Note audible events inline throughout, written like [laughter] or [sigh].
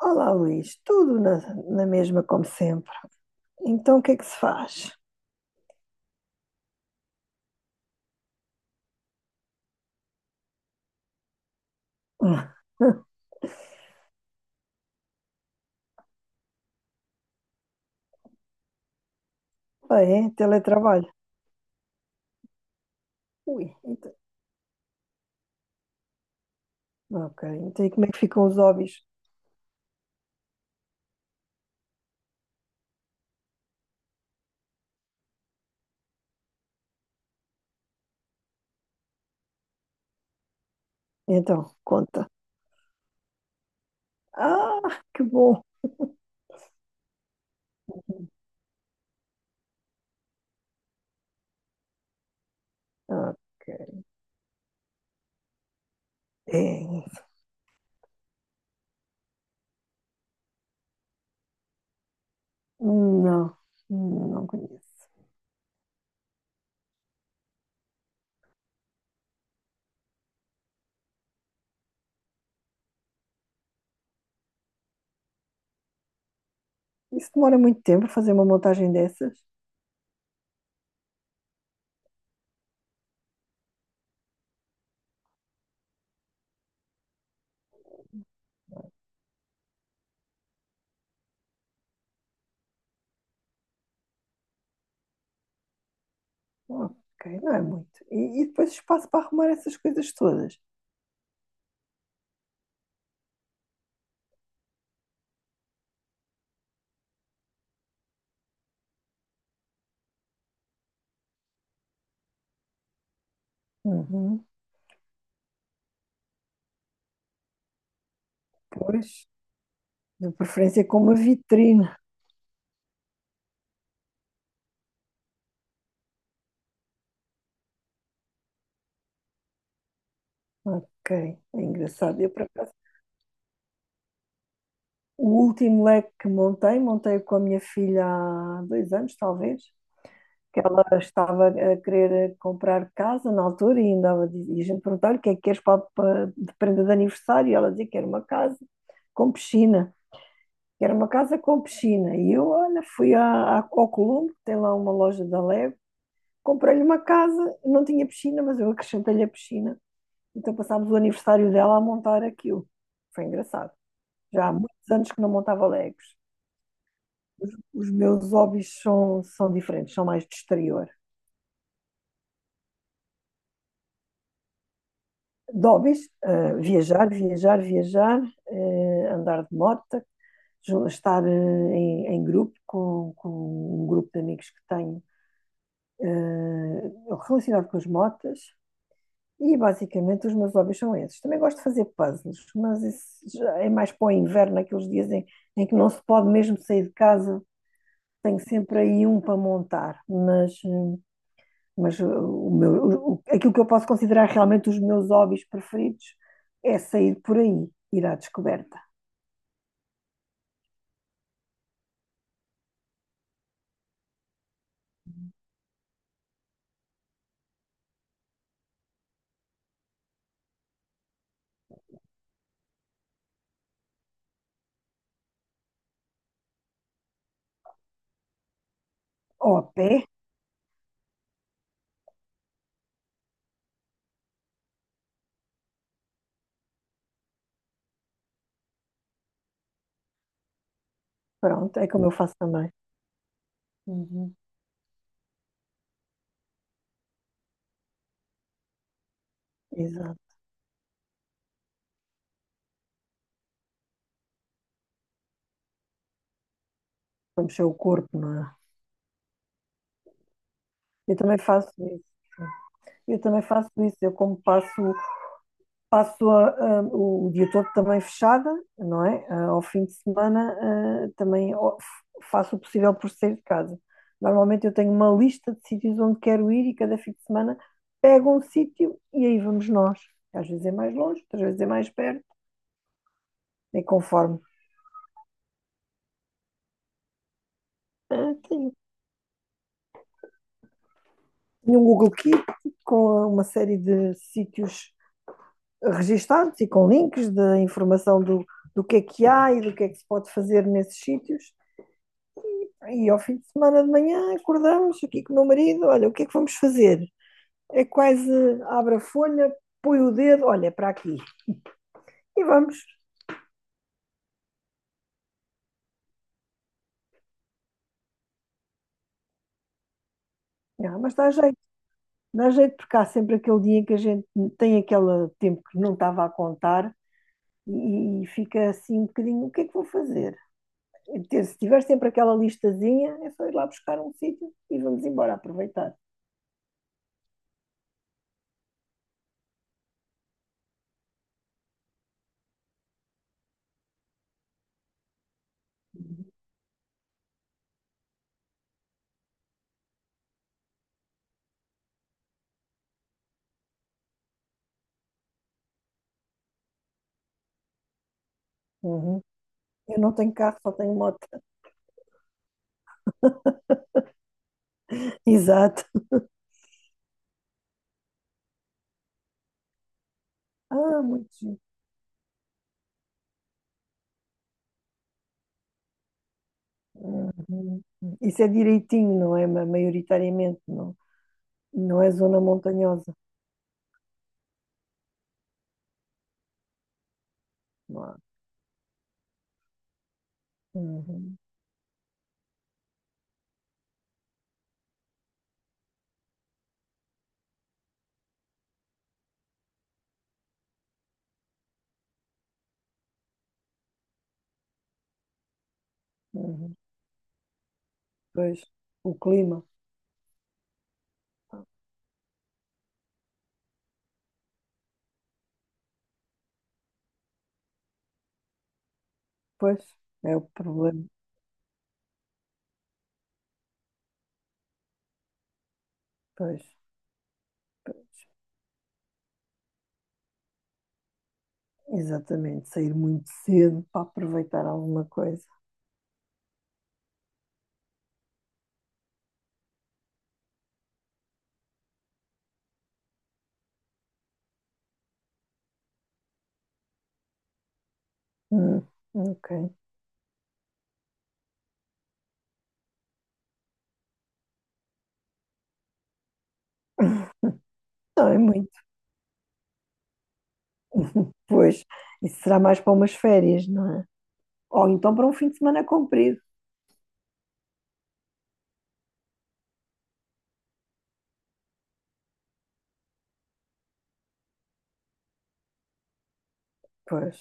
Olá, Luís, tudo na mesma como sempre. Então, o que é que se faz? [laughs] Ah, é? Teletrabalho. Ui, então, ok. Então, e como é que ficam os hobbies? Então, conta. Ah, que bom. Ok. É isso. Não, não conheço. Isso demora muito tempo a fazer uma montagem dessas? Ok, não é muito. E depois espaço para arrumar essas coisas todas. Uhum. Pois, de preferência com uma vitrine. Ok, é engraçado. Eu, por acaso, o último leque que montei com a minha filha há 2 anos, talvez, que ela estava a querer comprar casa na altura e ainda e a gente perguntava-lhe o que é que queres de prenda de aniversário e ela dizia que era uma casa com piscina, que era uma casa com piscina. E eu, olha, fui ao Colombo, tem lá uma loja da Lego, comprei-lhe uma casa, não tinha piscina, mas eu acrescentei-lhe a piscina. Então passámos o aniversário dela a montar aquilo. Foi engraçado. Já há muitos anos que não montava Legos. Os meus hobbies são diferentes, são mais de exterior. De hobbies, viajar, viajar, viajar, andar de moto, estar em grupo com um grupo de amigos que tenho eh, relacionado com as motas. E basicamente os meus hobbies são esses. Também gosto de fazer puzzles, mas isso já é mais para o inverno, naqueles dias em que não se pode mesmo sair de casa. Tenho sempre aí um para montar, Mas uh, o meu, o- aquilo que eu posso considerar realmente os meus hobbies preferidos é sair por aí, ir à descoberta. Ou a pé, pronto, é como eu faço também. Uhum. Exato. Para mexer o corpo, não é? Eu também faço isso. Eu também faço isso. Eu como passo a, o dia todo também fechada, não é? Ah, ao fim de semana, ah, faço o possível por sair de casa. Normalmente eu tenho uma lista de sítios onde quero ir e cada fim de semana pego um sítio e aí vamos nós. Às vezes é mais longe, outras vezes é mais perto, é conforme. Ah, tenho um Google Keep com uma série de sítios registados e com links de informação do que é que há e do que é que se pode fazer nesses sítios. E ao fim de semana de manhã acordamos aqui com o meu marido, olha, o que é que vamos fazer? É quase abre a folha, põe o dedo, olha, para aqui. E vamos. Ah, mas dá jeito. Dá jeito porque há sempre aquele dia em que a gente tem aquele tempo que não estava a contar e fica assim um bocadinho, o que é que vou fazer? E se tiver sempre aquela listazinha, é só ir lá buscar um sítio e vamos embora aproveitar. Uhum. Eu não tenho carro, só tenho moto. [laughs] Exato. Ah, muito giro. Uhum. Isso é direitinho, não é? Maioritariamente, não. Não é zona montanhosa. Não há. Uhum. Uhum. Pois, o clima. Pois, é o problema. Pois, pois. Exatamente, sair muito cedo para aproveitar alguma coisa. Hum, ok. Não é muito. [laughs] Pois, isso será mais para umas férias, não é? Ou então para um fim de semana comprido. Pois.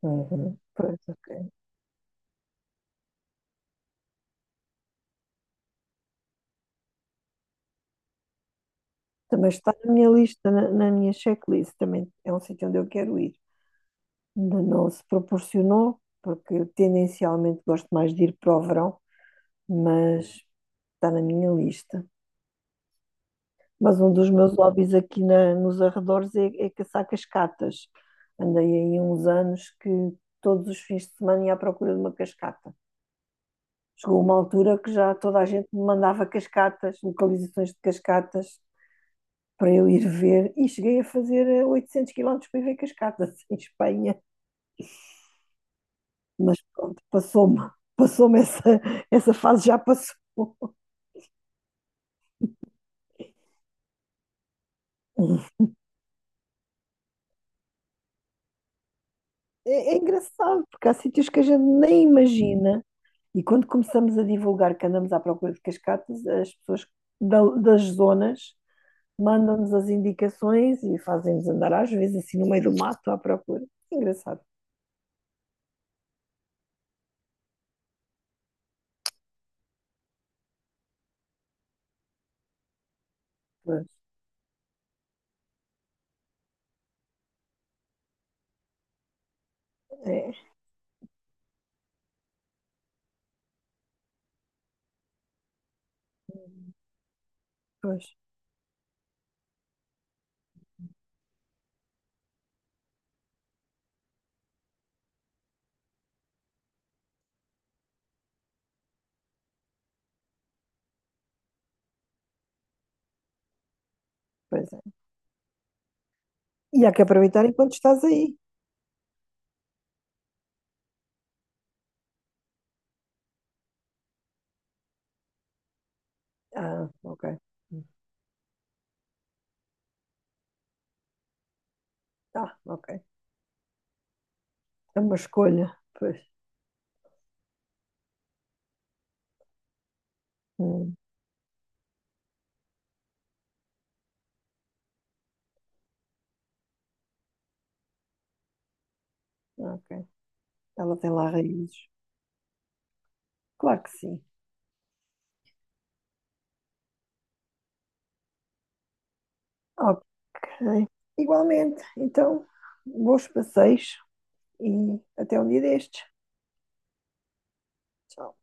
Uhum. Pois, ok. Também está na minha lista, na, na minha checklist, também é um sítio onde eu quero ir. Ainda não se proporcionou, porque eu tendencialmente gosto mais de ir para o verão, mas está na minha lista. Mas um dos meus hobbies aqui nos arredores é caçar cascatas. Andei aí uns anos que todos os fins de semana ia à procura de uma cascata. Chegou uma altura que já toda a gente me mandava cascatas, localizações de cascatas, para eu ir ver. E cheguei a fazer 800 quilómetros para ir ver cascatas [laughs] em Espanha. Mas pronto, passou-me. Passou-me essa fase, já passou. [laughs] É, é engraçado, porque há sítios que a gente nem imagina. E quando começamos a divulgar que andamos à procura de cascatas, as pessoas das zonas mandam-nos as indicações e fazem-nos andar, às vezes, assim no meio do mato à procura. Engraçado. Pois, é, pois, pois é. E há que aproveitar enquanto estás aí. Ah, ok. Ah, ok. É uma escolha. Pois. Hum, ok. Ela tem lá raízes. Claro que sim. Ok. Igualmente. Então, bons passeios e até um dia destes. Tchau.